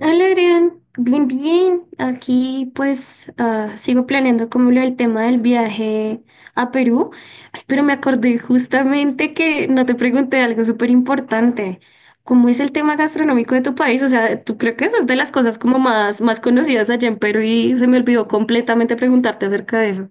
Hola, Adrián. Bien, bien. Aquí pues sigo planeando como lo del tema del viaje a Perú. Ay, pero me acordé justamente que no te pregunté algo súper importante. ¿Cómo es el tema gastronómico de tu país? O sea, tú creo que esa es de las cosas como más, más conocidas allá en Perú y se me olvidó completamente preguntarte acerca de eso.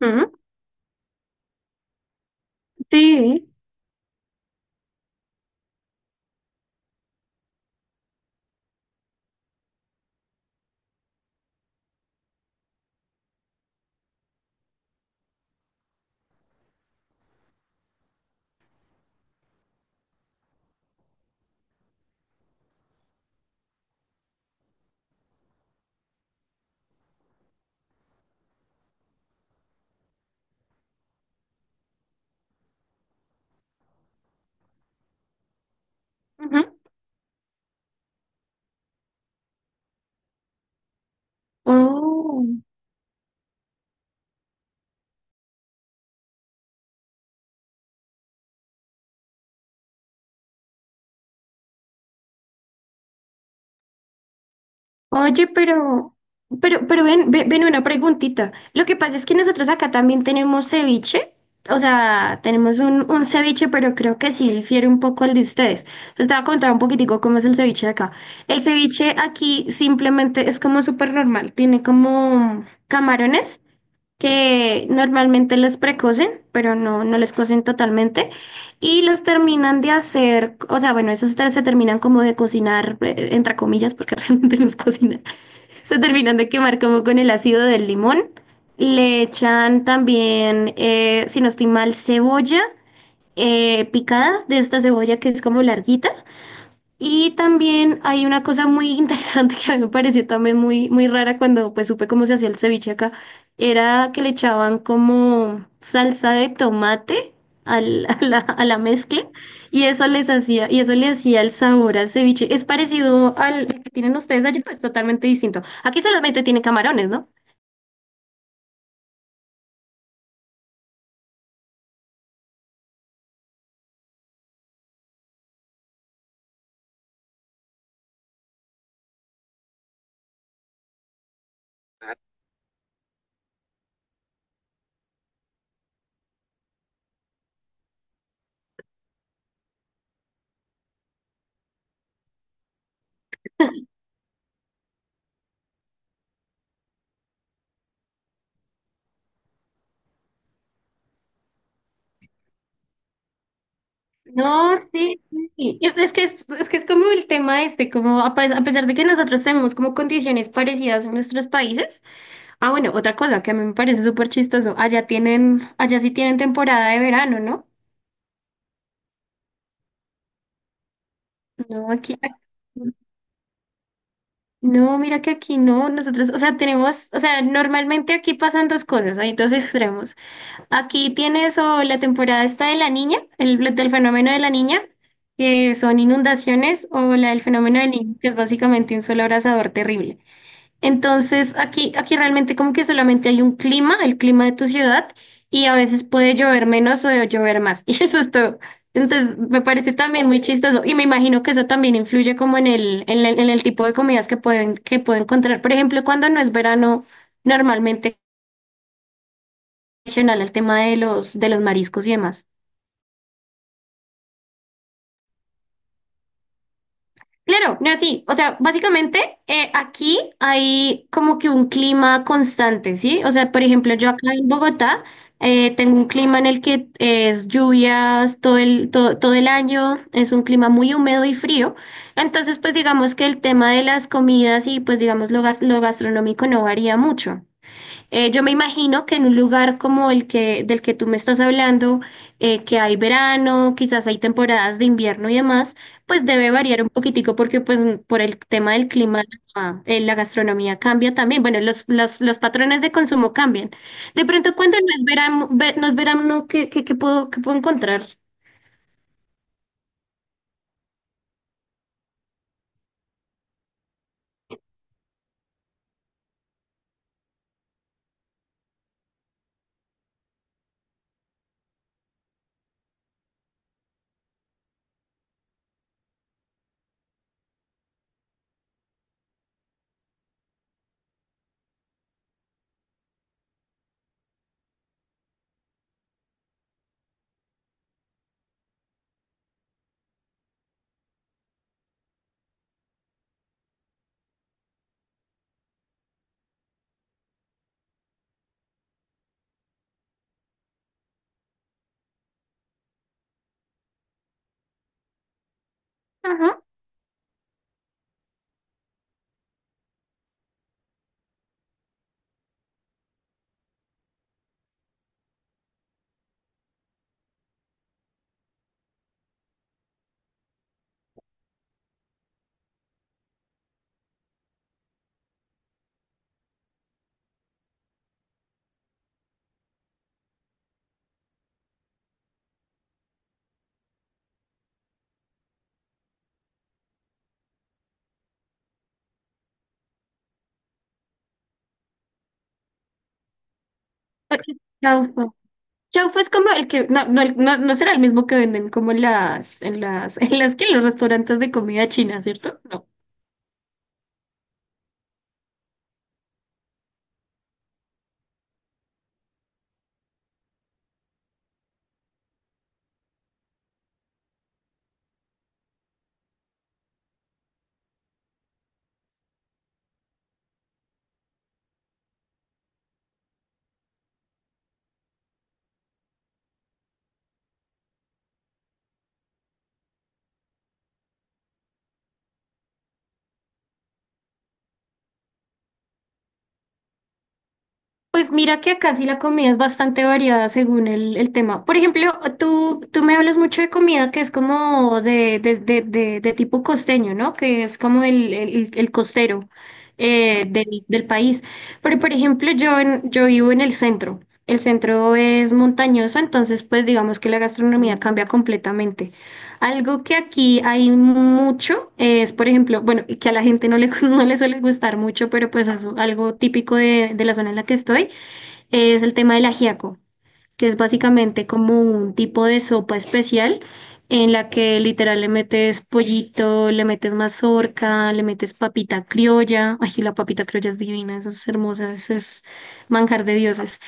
Ujú. Sí. Ujú. Oh. Oye, pero ven, ven, una preguntita. Lo que pasa es que nosotros acá también tenemos ceviche. O sea, tenemos un ceviche, pero creo que sí difiere un poco al de ustedes. Les estaba a contar un poquitico cómo es el ceviche de acá. El ceviche aquí simplemente es como súper normal. Tiene como camarones que normalmente los precocen, pero no, no los cocen totalmente. Y los terminan de hacer, o sea, bueno, esos tres se terminan como de cocinar, entre comillas, porque realmente los cocinan. Se terminan de quemar como con el ácido del limón. Le echan también, si no estoy mal, cebolla picada, de esta cebolla que es como larguita. Y también hay una cosa muy interesante que a mí me pareció también muy, muy rara cuando pues supe cómo se hacía el ceviche acá, era que le echaban como salsa de tomate a la mezcla y y eso le hacía el sabor al ceviche. Es parecido al que tienen ustedes allí, pues totalmente distinto. Aquí solamente tiene camarones, ¿no? No, sí, sí. Y es que es que es como el tema este, como a pesar de que nosotros tenemos como condiciones parecidas en nuestros países. Ah, bueno, otra cosa que a mí me parece súper chistoso. Allá tienen, allá sí tienen temporada de verano, ¿no? No, aquí. No, mira que aquí no, nosotros, o sea, tenemos, o sea, normalmente aquí pasan dos cosas, hay dos extremos. Aquí tienes o la temporada esta de la niña, el del fenómeno de la niña, que son inundaciones, o la del fenómeno del niño, que es básicamente un solo abrasador terrible. Entonces, aquí realmente como que solamente hay un clima, el clima de tu ciudad, y a veces puede llover menos o llover más. Y eso es todo. Entonces, me parece también muy chistoso. Y me imagino que eso también influye como en el tipo de comidas que pueden, que puedo encontrar. Por ejemplo, cuando no es verano, normalmente adicional el tema de los mariscos y demás. Claro, no, sí. O sea, básicamente aquí hay como que un clima constante, ¿sí? O sea, por ejemplo, yo acá en Bogotá tengo un clima en el que es lluvias todo el año, es un clima muy húmedo y frío. Entonces, pues digamos que el tema de las comidas y pues digamos lo, lo gastronómico no varía mucho. Yo me imagino que en un lugar como el que del que tú me estás hablando, que hay verano, quizás hay temporadas de invierno y demás, pues debe variar un poquitico porque pues por el tema del clima la gastronomía cambia también. Bueno, los patrones de consumo cambian. De pronto cuando no es verano, ¿qué, qué, qué puedo encontrar? Ajá. Ok, chaufa. Chaufa es como el que, no, no, no será el mismo que venden como en en las que en los restaurantes de comida china, ¿cierto? No. Pues mira que acá sí la comida es bastante variada según el tema. Por ejemplo, tú me hablas mucho de comida que es como de tipo costeño, ¿no? Que es como el, el costero del, del país. Pero por ejemplo, yo, yo vivo en el centro. El centro es montañoso, entonces pues digamos que la gastronomía cambia completamente. Algo que aquí hay mucho es, por ejemplo, bueno, y que a la gente no le, no le suele gustar mucho, pero pues es algo típico de la zona en la que estoy es el tema del ajiaco, que es básicamente como un tipo de sopa especial en la que literal le metes pollito, le metes mazorca, le metes papita criolla. Ay, la papita criolla es divina, esa es hermosa, eso es manjar de dioses.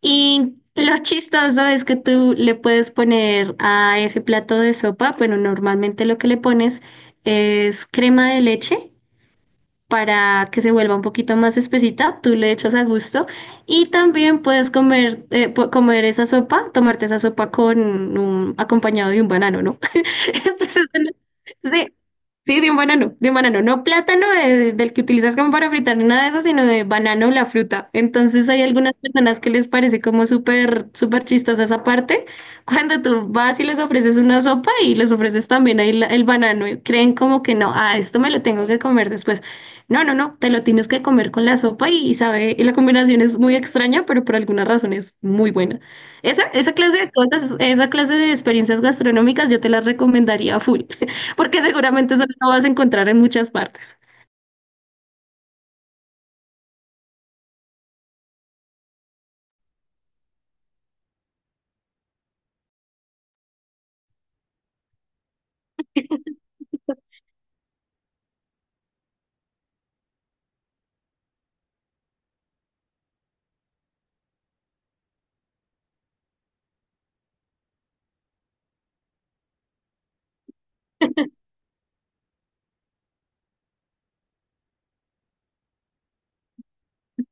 Y lo chistoso es que tú le puedes poner a ese plato de sopa, bueno, normalmente lo que le pones es crema de leche para que se vuelva un poquito más espesita, tú le echas a gusto y también puedes comer, comer esa sopa, tomarte esa sopa con un acompañado de un banano, ¿no? Entonces, sí, sí, de un banano, no plátano del que utilizas como para fritar ni nada de eso, sino de banano, la fruta. Entonces hay algunas personas que les parece como súper, súper chistosa esa parte, cuando tú vas y les ofreces una sopa y les ofreces también ahí el banano, y creen como que no, ah, esto me lo tengo que comer después. No, no, no, te lo tienes que comer con la sopa y sabe, y la combinación es muy extraña, pero por alguna razón es muy buena. Esa clase de cosas, esa clase de experiencias gastronómicas yo te las recomendaría a full, porque seguramente eso no lo vas a encontrar en muchas partes.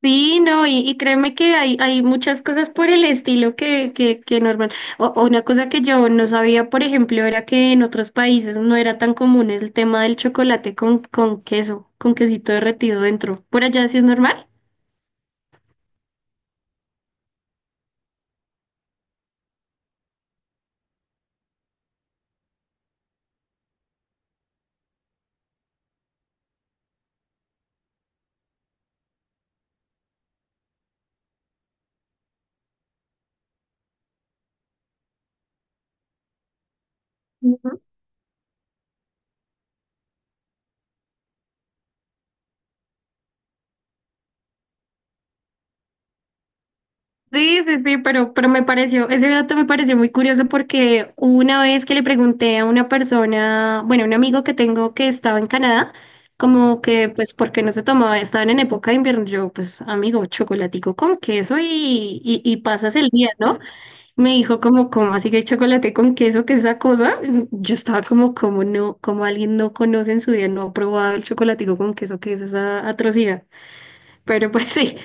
Sí, no, y créeme que hay muchas cosas por el estilo que normal. O una cosa que yo no sabía, por ejemplo, era que en otros países no era tan común el tema del chocolate con queso, con quesito derretido dentro. ¿Por allá sí es normal? Sí, sí, sí, pero me pareció, ese dato me pareció muy curioso porque una vez que le pregunté a una persona, bueno, un amigo que tengo que estaba en Canadá, como que, pues, ¿por qué no se tomaba? Estaban en época de invierno, yo, pues, amigo, chocolatico con queso y pasas el día, ¿no? Me dijo como, ¿cómo así que hay chocolate con queso? ¿Qué es esa cosa? Yo estaba como, ¿cómo no? ¿Cómo alguien no conoce en su día, no ha probado el chocolatico con queso? ¿Qué es esa atrocidad? Pero pues sí.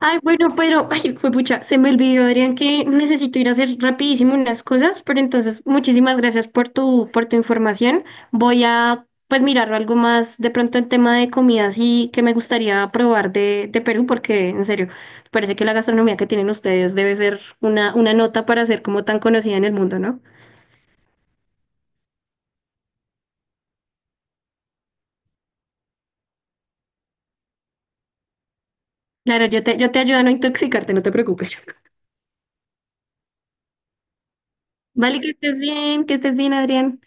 Ay, bueno, pero, ay, juepucha, se me olvidó, Adrián, que necesito ir a hacer rapidísimo unas cosas, pero entonces, muchísimas gracias por tu información. Voy a, pues, mirar algo más de pronto en tema de comidas y que me gustaría probar de Perú, porque, en serio, parece que la gastronomía que tienen ustedes debe ser una nota para ser como tan conocida en el mundo, ¿no? Claro, yo te ayudo a no intoxicarte, no te preocupes. Vale, que estés bien, Adrián.